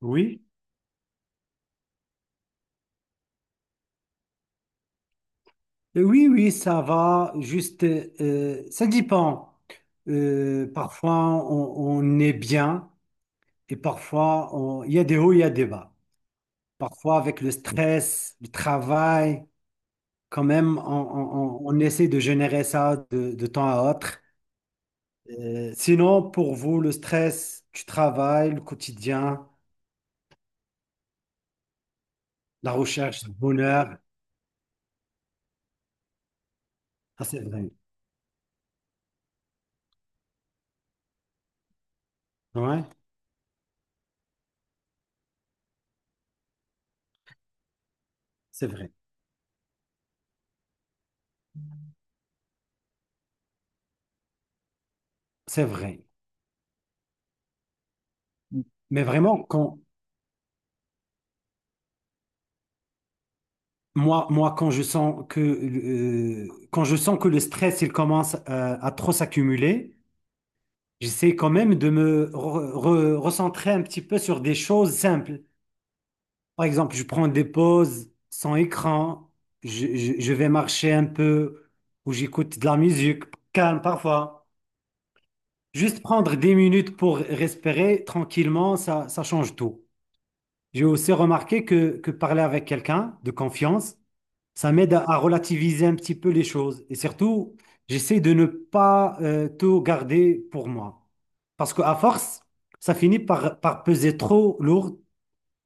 Oui, oui, oui, ça va. Juste, ça dépend. Parfois, on est bien et parfois, il y a des hauts, il y a des bas. Parfois, avec le stress, le travail, quand même, on essaie de générer ça de temps à autre. Sinon, pour vous, le stress du travail, le quotidien, la recherche du bonheur, ah, c'est vrai. Ouais, c'est vrai, c'est vrai. Mais vraiment, quand je sens que, quand je sens que le stress, il commence à trop s'accumuler, j'essaie quand même de me recentrer un petit peu sur des choses simples. Par exemple, je prends des pauses sans écran, je vais marcher un peu ou j'écoute de la musique calme parfois. Juste prendre des minutes pour respirer tranquillement, ça change tout. J'ai aussi remarqué que parler avec quelqu'un de confiance, ça m'aide à relativiser un petit peu les choses. Et surtout, j'essaie de ne pas tout garder pour moi. Parce qu'à force, ça finit par peser trop lourd.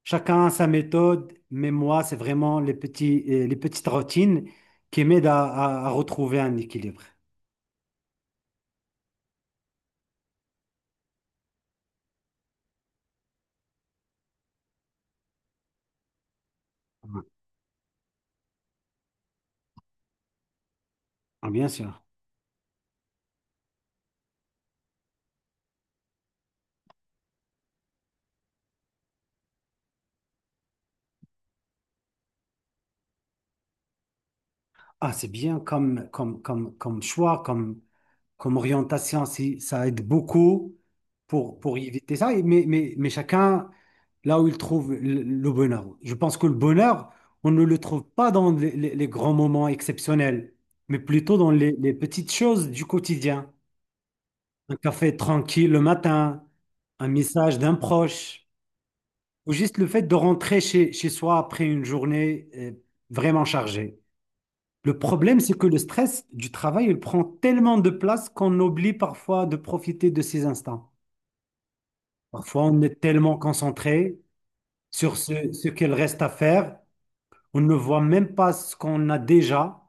Chacun a sa méthode, mais moi, c'est vraiment les petites routines qui m'aident à retrouver un équilibre. Ah, bien sûr. Ah, c'est bien comme choix, comme orientation, si- ça aide beaucoup pour éviter ça. Mais chacun là où il trouve le bonheur. Je pense que le bonheur, on ne le trouve pas dans les grands moments exceptionnels, mais plutôt dans les petites choses du quotidien. Un café tranquille le matin, un message d'un proche, ou juste le fait de rentrer chez soi après une journée vraiment chargée. Le problème, c'est que le stress du travail, il prend tellement de place qu'on oublie parfois de profiter de ces instants. Parfois, on est tellement concentré sur ce qu'il reste à faire, on ne voit même pas ce qu'on a déjà.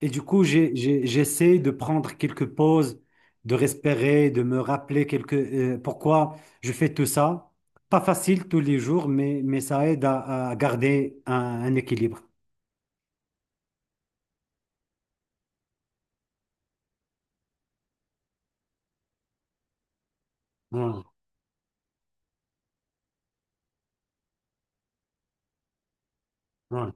Et du coup, j'essaie de prendre quelques pauses, de respirer, de me rappeler pourquoi je fais tout ça. Pas facile tous les jours, mais ça aide à garder un équilibre. Ouais, ouais,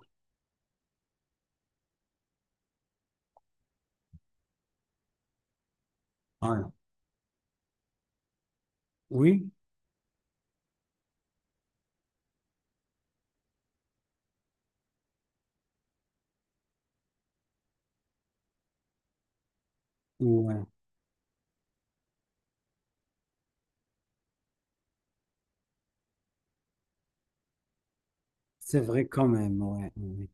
ouais. Oui. Ouais. C'est vrai quand même, ouais. Ouais. Ouais.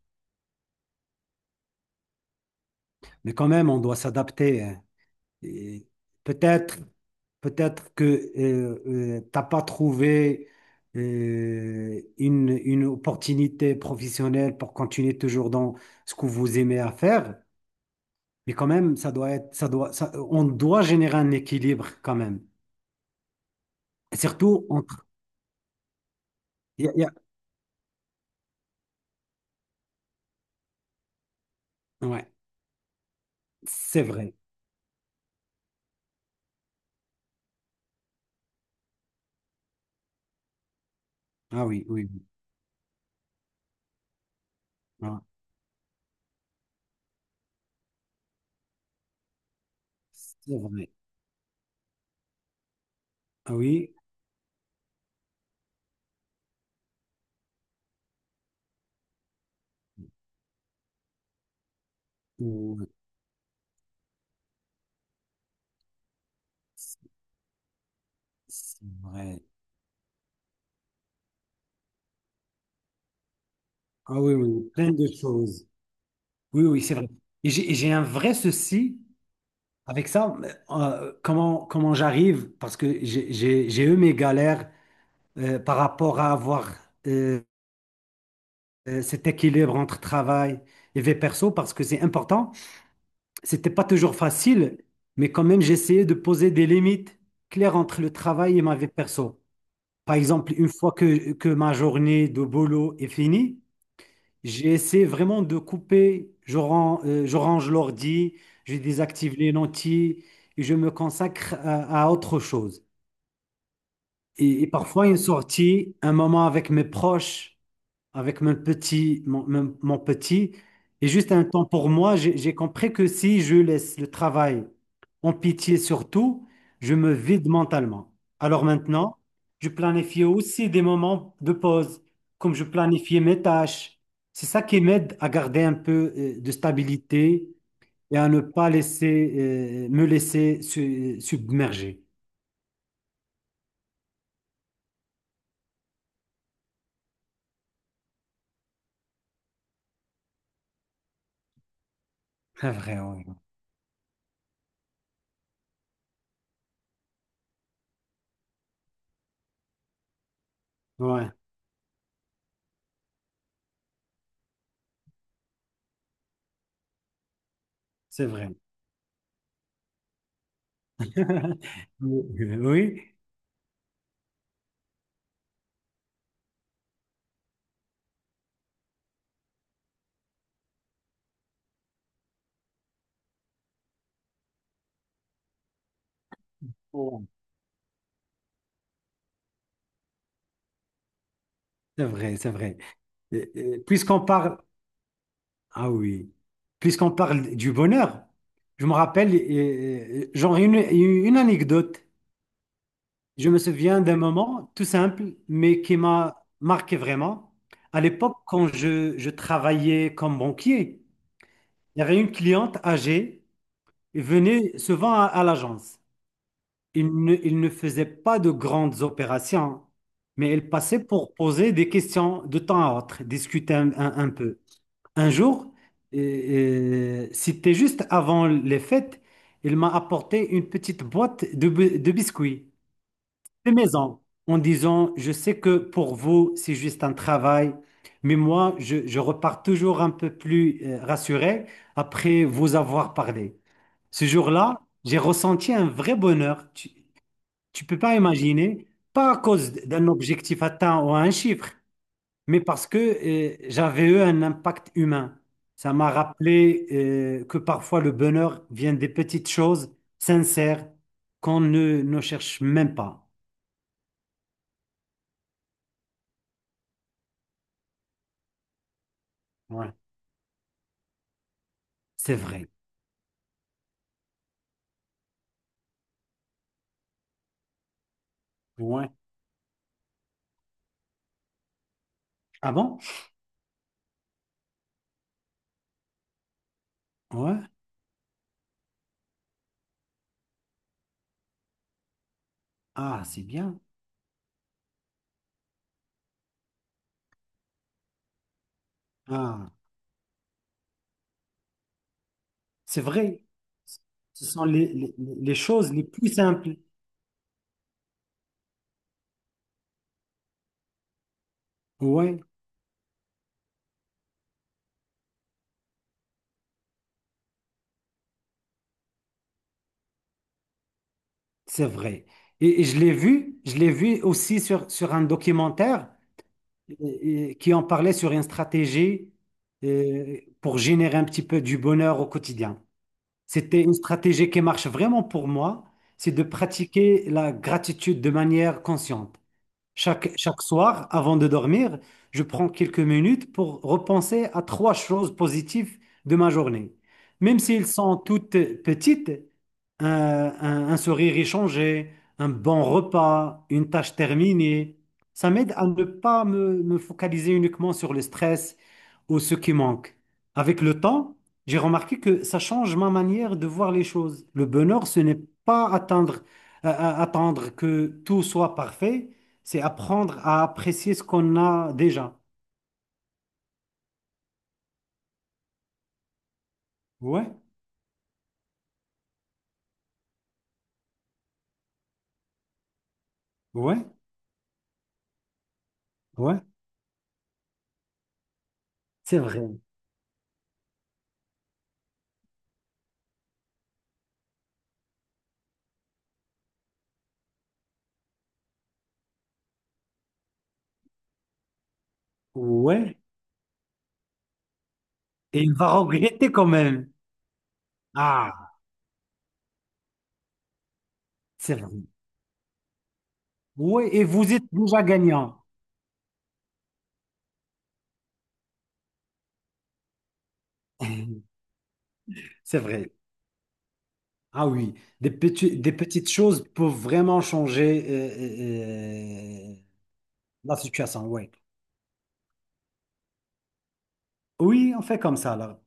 Mais quand même, on doit s'adapter, hein. Et peut-être, peut-être que euh, t'as pas trouvé une opportunité professionnelle pour continuer toujours dans ce que vous aimez à faire. Mais quand même, ça doit être, ça doit, ça- on doit générer un équilibre quand même. Et surtout entre, il y a- il y ouais, c'est vrai. Ah oui, oui, oui. Ah, c'est vrai. Ah oui, oui, c'est c'est vrai. Ah oui, oui, oui, plein de choses. Oui, oui, c'est vrai. Et j'ai un vrai souci avec ça. Comment comment j'arrive, parce que j'ai eu mes galères par rapport à avoir euh, cet équilibre entre travail et vie perso, parce que c'est important. C'était pas toujours facile, mais quand même, j'essayais de poser des limites claires entre le travail et ma vie perso. Par exemple, une fois que ma journée de boulot est finie, j'ai essayé vraiment de couper, je range l'ordi, je désactive les lentilles et je me consacre à autre chose. Et parfois une sortie, un moment avec mes proches, avec mon petit. Et juste un temps pour moi, j'ai compris que si je laisse le travail en pitié surtout, je me vide mentalement. Alors maintenant, je planifie aussi des moments de pause, comme je planifiais mes tâches. C'est ça qui m'aide à garder un peu de stabilité et à ne pas laisser, me laisser su- submerger. C'est vrai, oui. Ouais, c'est vrai. Oui. C'est vrai, c'est vrai. Et- Puisqu'on parle, ah oui, puisqu'on parle du bonheur, je me rappelle, genre une anecdote. Je me souviens d'un moment tout simple, mais qui m'a marqué vraiment. À l'époque, quand je travaillais comme banquier, il y avait une cliente âgée, elle venait souvent à l'agence. Il ne faisait pas de grandes opérations, mais elle passait pour poser des questions de temps à autre, discuter un peu. Un jour, c'était juste avant les fêtes, il m'a apporté une petite boîte de biscuits de maison en disant, je sais que pour vous, c'est juste un travail, mais moi, je repars toujours un peu plus rassuré après vous avoir parlé. Ce jour-là, j'ai ressenti un vrai bonheur. Tu peux pas imaginer, pas à cause d'un objectif atteint ou un chiffre, mais parce que j'avais eu un impact humain. Ça m'a rappelé que parfois le bonheur vient des petites choses sincères qu'on ne cherche même pas. Ouais, c'est vrai. Ouais. Ah bon? Ouais. Ah, c'est bien. Ah, c'est vrai. Ce sont les choses les plus simples. Ouais, c'est vrai. Et je l'ai vu aussi sur un documentaire. Et qui en parlait sur une stratégie pour générer un petit peu du bonheur au quotidien. C'était une stratégie qui marche vraiment pour moi, c'est de pratiquer la gratitude de manière consciente. Chaque soir, avant de dormir, je prends quelques minutes pour repenser à 3 choses positives de ma journée. Même s'ils sont toutes petites, un sourire échangé, un bon repas, une tâche terminée, ça m'aide à ne pas me focaliser uniquement sur le stress ou ce qui manque. Avec le temps, j'ai remarqué que ça change ma manière de voir les choses. Le bonheur, ce n'est pas attendre attendre que tout soit parfait, c'est apprendre à apprécier ce qu'on a déjà. Ouais, ouais, ouais, c'est vrai. Ouais, et il va regretter quand même. Ah, c'est vrai. Ouais, et vous êtes déjà gagnant. C'est vrai. Ah oui, des petits- des petites choses peuvent vraiment changer la situation. Ouais. Oui, on fait comme ça là.